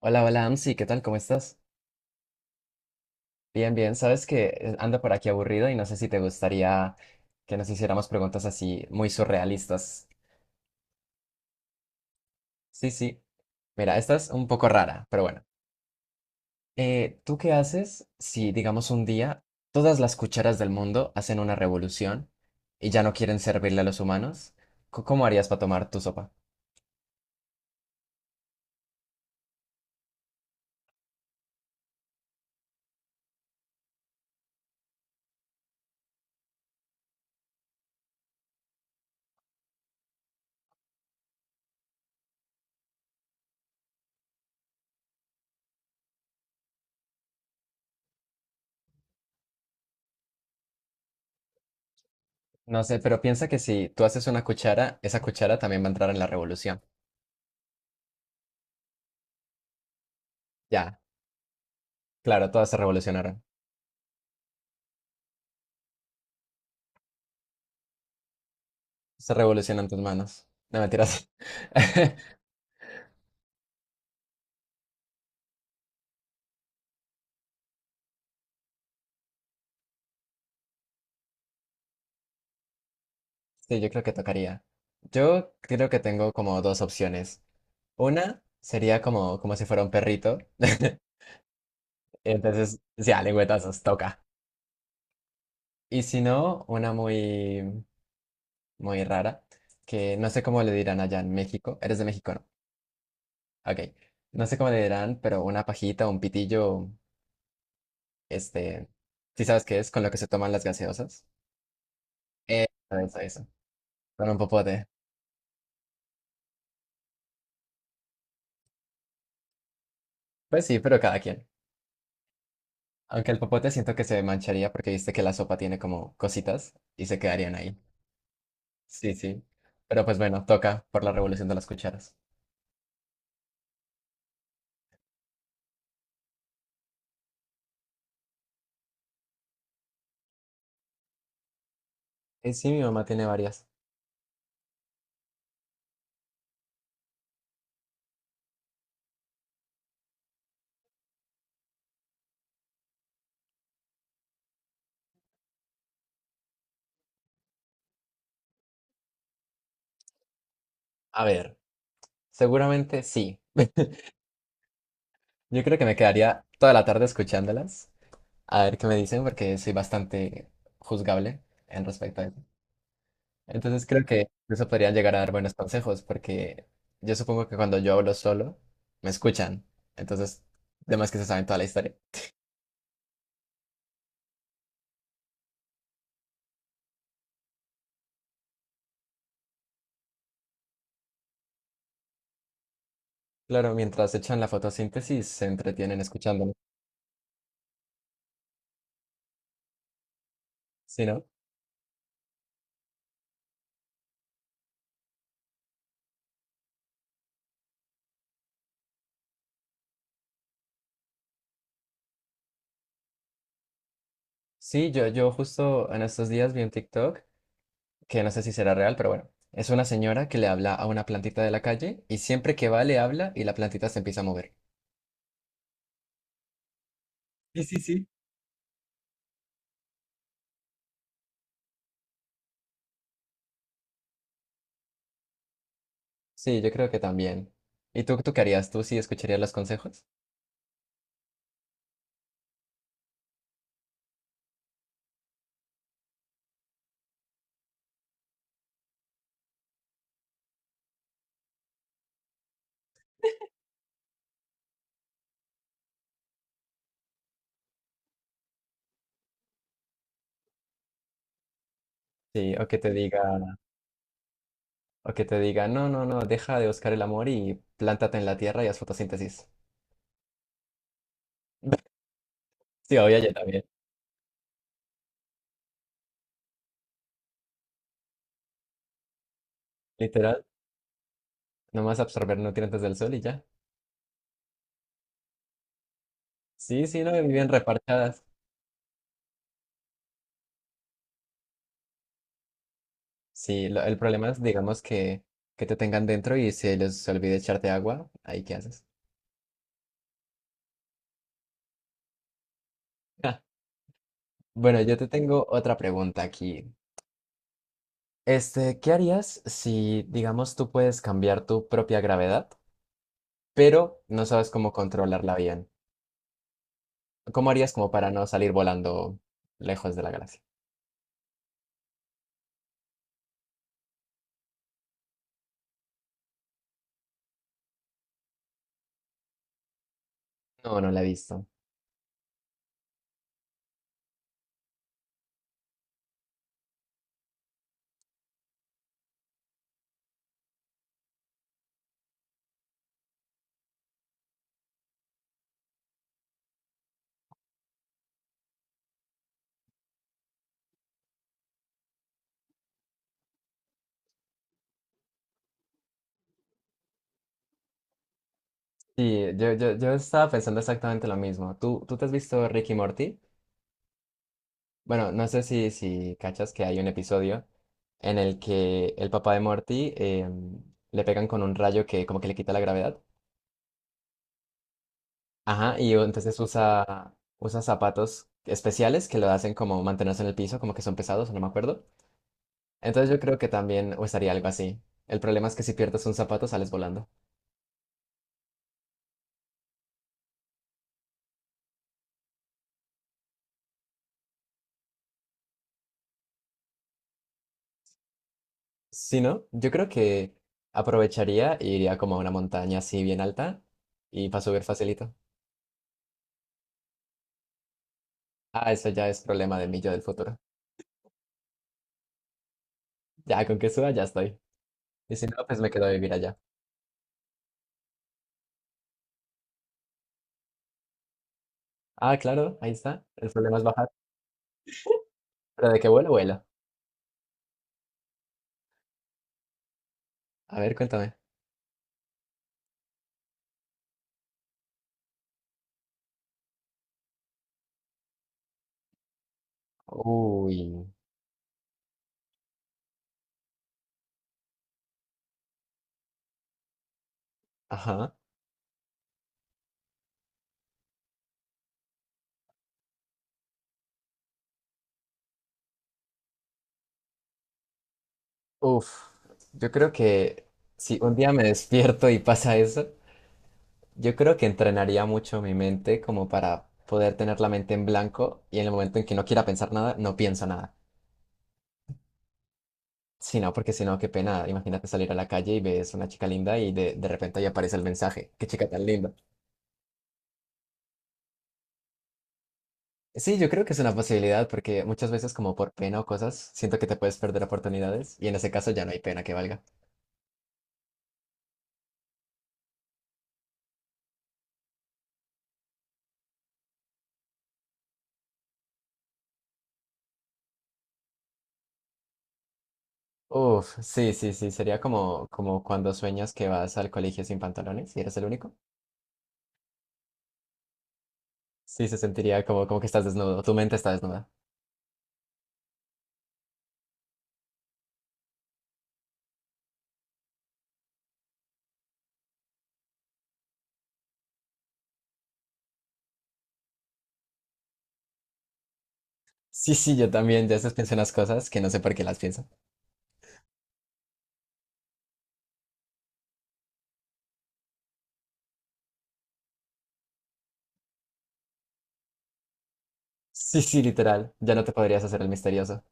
Hola, hola, Amsi, ¿qué tal? ¿Cómo estás? Bien, bien, sabes que ando por aquí aburrido y no sé si te gustaría que nos hiciéramos preguntas así muy surrealistas. Sí, sí. Mira, esta es un poco rara, pero bueno. ¿Tú qué haces si, digamos, un día todas las cucharas del mundo hacen una revolución y ya no quieren servirle a los humanos? ¿Cómo harías para tomar tu sopa? No sé, pero piensa que si tú haces una cuchara, esa cuchara también va a entrar en la revolución. Ya, claro, todas se revolucionaron. Se revolucionan tus manos. No mentiras. Sí, yo creo que tocaría. Yo creo que tengo como dos opciones. Una sería como, como si fuera un perrito. Entonces, ya, lengüetazos, toca. Y si no, una muy, muy rara, que no sé cómo le dirán allá en México. Eres de México, ¿no? Ok. No sé cómo le dirán, pero una pajita, un pitillo, este, ¿sí sabes qué es? Con lo que se toman las gaseosas. Eh, eso, eso. Con un popote. Pues sí, pero cada quien. Aunque el popote siento que se mancharía porque viste que la sopa tiene como cositas y se quedarían ahí. Sí, sí. Pero pues bueno, toca por la revolución de las cucharas. Sí, mi mamá tiene varias. A ver, seguramente sí. Yo creo que me quedaría toda la tarde escuchándolas. A ver qué me dicen porque soy bastante juzgable en respecto a eso. Entonces creo que eso podrían llegar a dar buenos consejos porque yo supongo que cuando yo hablo solo, me escuchan. Entonces, además que se saben toda la historia. Claro, mientras echan la fotosíntesis se entretienen escuchándonos. ¿Sí, no? Sí, yo justo en estos días vi un TikTok que no sé si será real, pero bueno, es una señora que le habla a una plantita de la calle y siempre que va le habla y la plantita se empieza a mover. Sí, sí, sí. Sí, yo creo que también. ¿Y tú qué harías? ¿Tú sí escucharías los consejos? Sí, o que te diga, o que te diga, no, no, no, deja de buscar el amor y plántate en la tierra y haz fotosíntesis. Sí, obvio, yo también. Literal, nomás absorber nutrientes del sol y ya. Sí, sí, no, viven reparchadas. Sí, el problema es, digamos, que te tengan dentro y se les olvide echarte agua. Ahí, ¿qué haces? Bueno, yo te tengo otra pregunta aquí. Este, ¿qué harías si, digamos, tú puedes cambiar tu propia gravedad, pero no sabes cómo controlarla bien? ¿Cómo harías como para no salir volando lejos de la galaxia? No, no la he visto. Sí, yo estaba pensando exactamente lo mismo. ¿Tú, tú te has visto Ricky Morty? Bueno, no sé si, si cachas que hay un episodio en el que el papá de Morty le pegan con un rayo que como que le quita la gravedad. Ajá, y entonces usa zapatos especiales que lo hacen como mantenerse en el piso, como que son pesados, no me acuerdo. Entonces yo creo que también usaría algo así. El problema es que si pierdes un zapato sales volando. Si no, yo creo que aprovecharía e iría como a una montaña así bien alta y para subir facilito. Ah, eso ya es problema de mí yo del futuro. Ya con que suba ya estoy. Y si no, pues me quedo a vivir allá. Ah, claro, ahí está. El problema es bajar. ¿Pero de qué vuelo, vuela? A ver, cuéntame. Uy, ajá. Uf, yo creo que si un día me despierto y pasa eso, yo creo que entrenaría mucho mi mente como para poder tener la mente en blanco y en el momento en que no quiera pensar nada, no pienso nada. Si no, porque si no, qué pena. Imagínate salir a la calle y ves una chica linda y de repente ahí aparece el mensaje. Qué chica tan linda. Sí, yo creo que es una posibilidad porque muchas veces como por pena o cosas, siento que te puedes perder oportunidades y en ese caso ya no hay pena que valga. Uf, sí, sí, sí, sería como, como cuando sueñas que vas al colegio sin pantalones y eres el único. Sí, se sentiría como, como que estás desnudo, tu mente está desnuda. Sí, sí, yo también, ya veces pienso unas cosas que no sé por qué las pienso. Sí, sí, literal, ya no te podrías hacer el misterioso.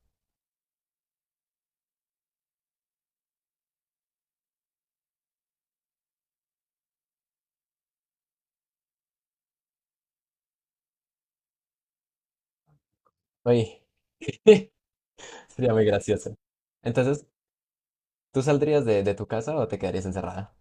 Oye, sería muy gracioso. Entonces, ¿tú saldrías de tu casa o te quedarías encerrada?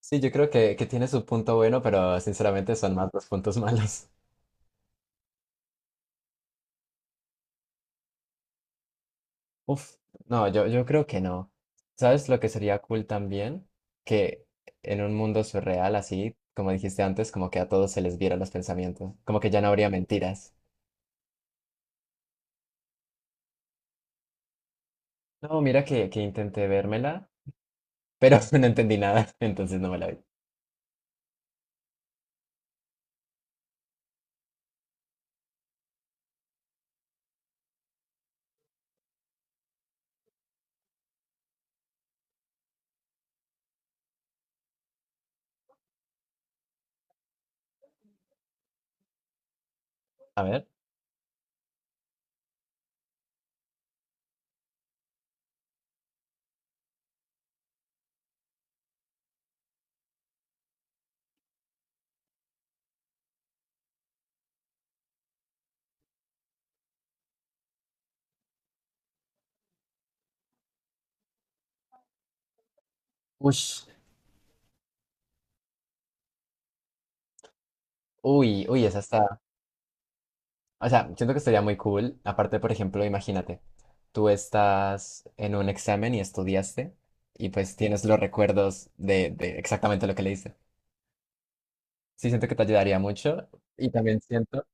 Sí, yo creo que tiene su punto bueno, pero sinceramente son más los puntos malos. Uf, no, yo creo que no. ¿Sabes lo que sería cool también? Que en un mundo surreal, así, como dijiste antes, como que a todos se les vieran los pensamientos, como que ya no habría mentiras. No, mira que intenté vérmela, pero no entendí nada, entonces no me la vi. A ver. Ush. Uy, uy, esa está, o sea, siento que sería muy cool. Aparte, por ejemplo, imagínate, tú estás en un examen y estudiaste y pues tienes los recuerdos de exactamente lo que leíste. Sí, siento que te ayudaría mucho y también siento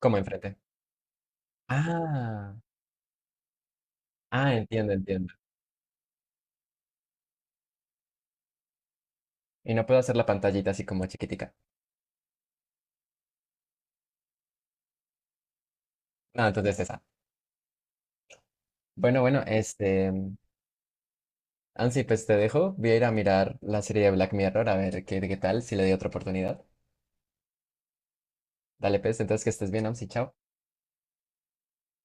como enfrente. Ah, entiendo, entiendo. Y no puedo hacer la pantallita así como chiquitica. Ah, entonces esa. Bueno, bueno, este, Ansi, pues te dejo. Voy a ir a mirar la serie de Black Mirror a ver qué, qué tal, si le doy otra oportunidad. Dale, pues, entonces que estés bien, Ansi, chao.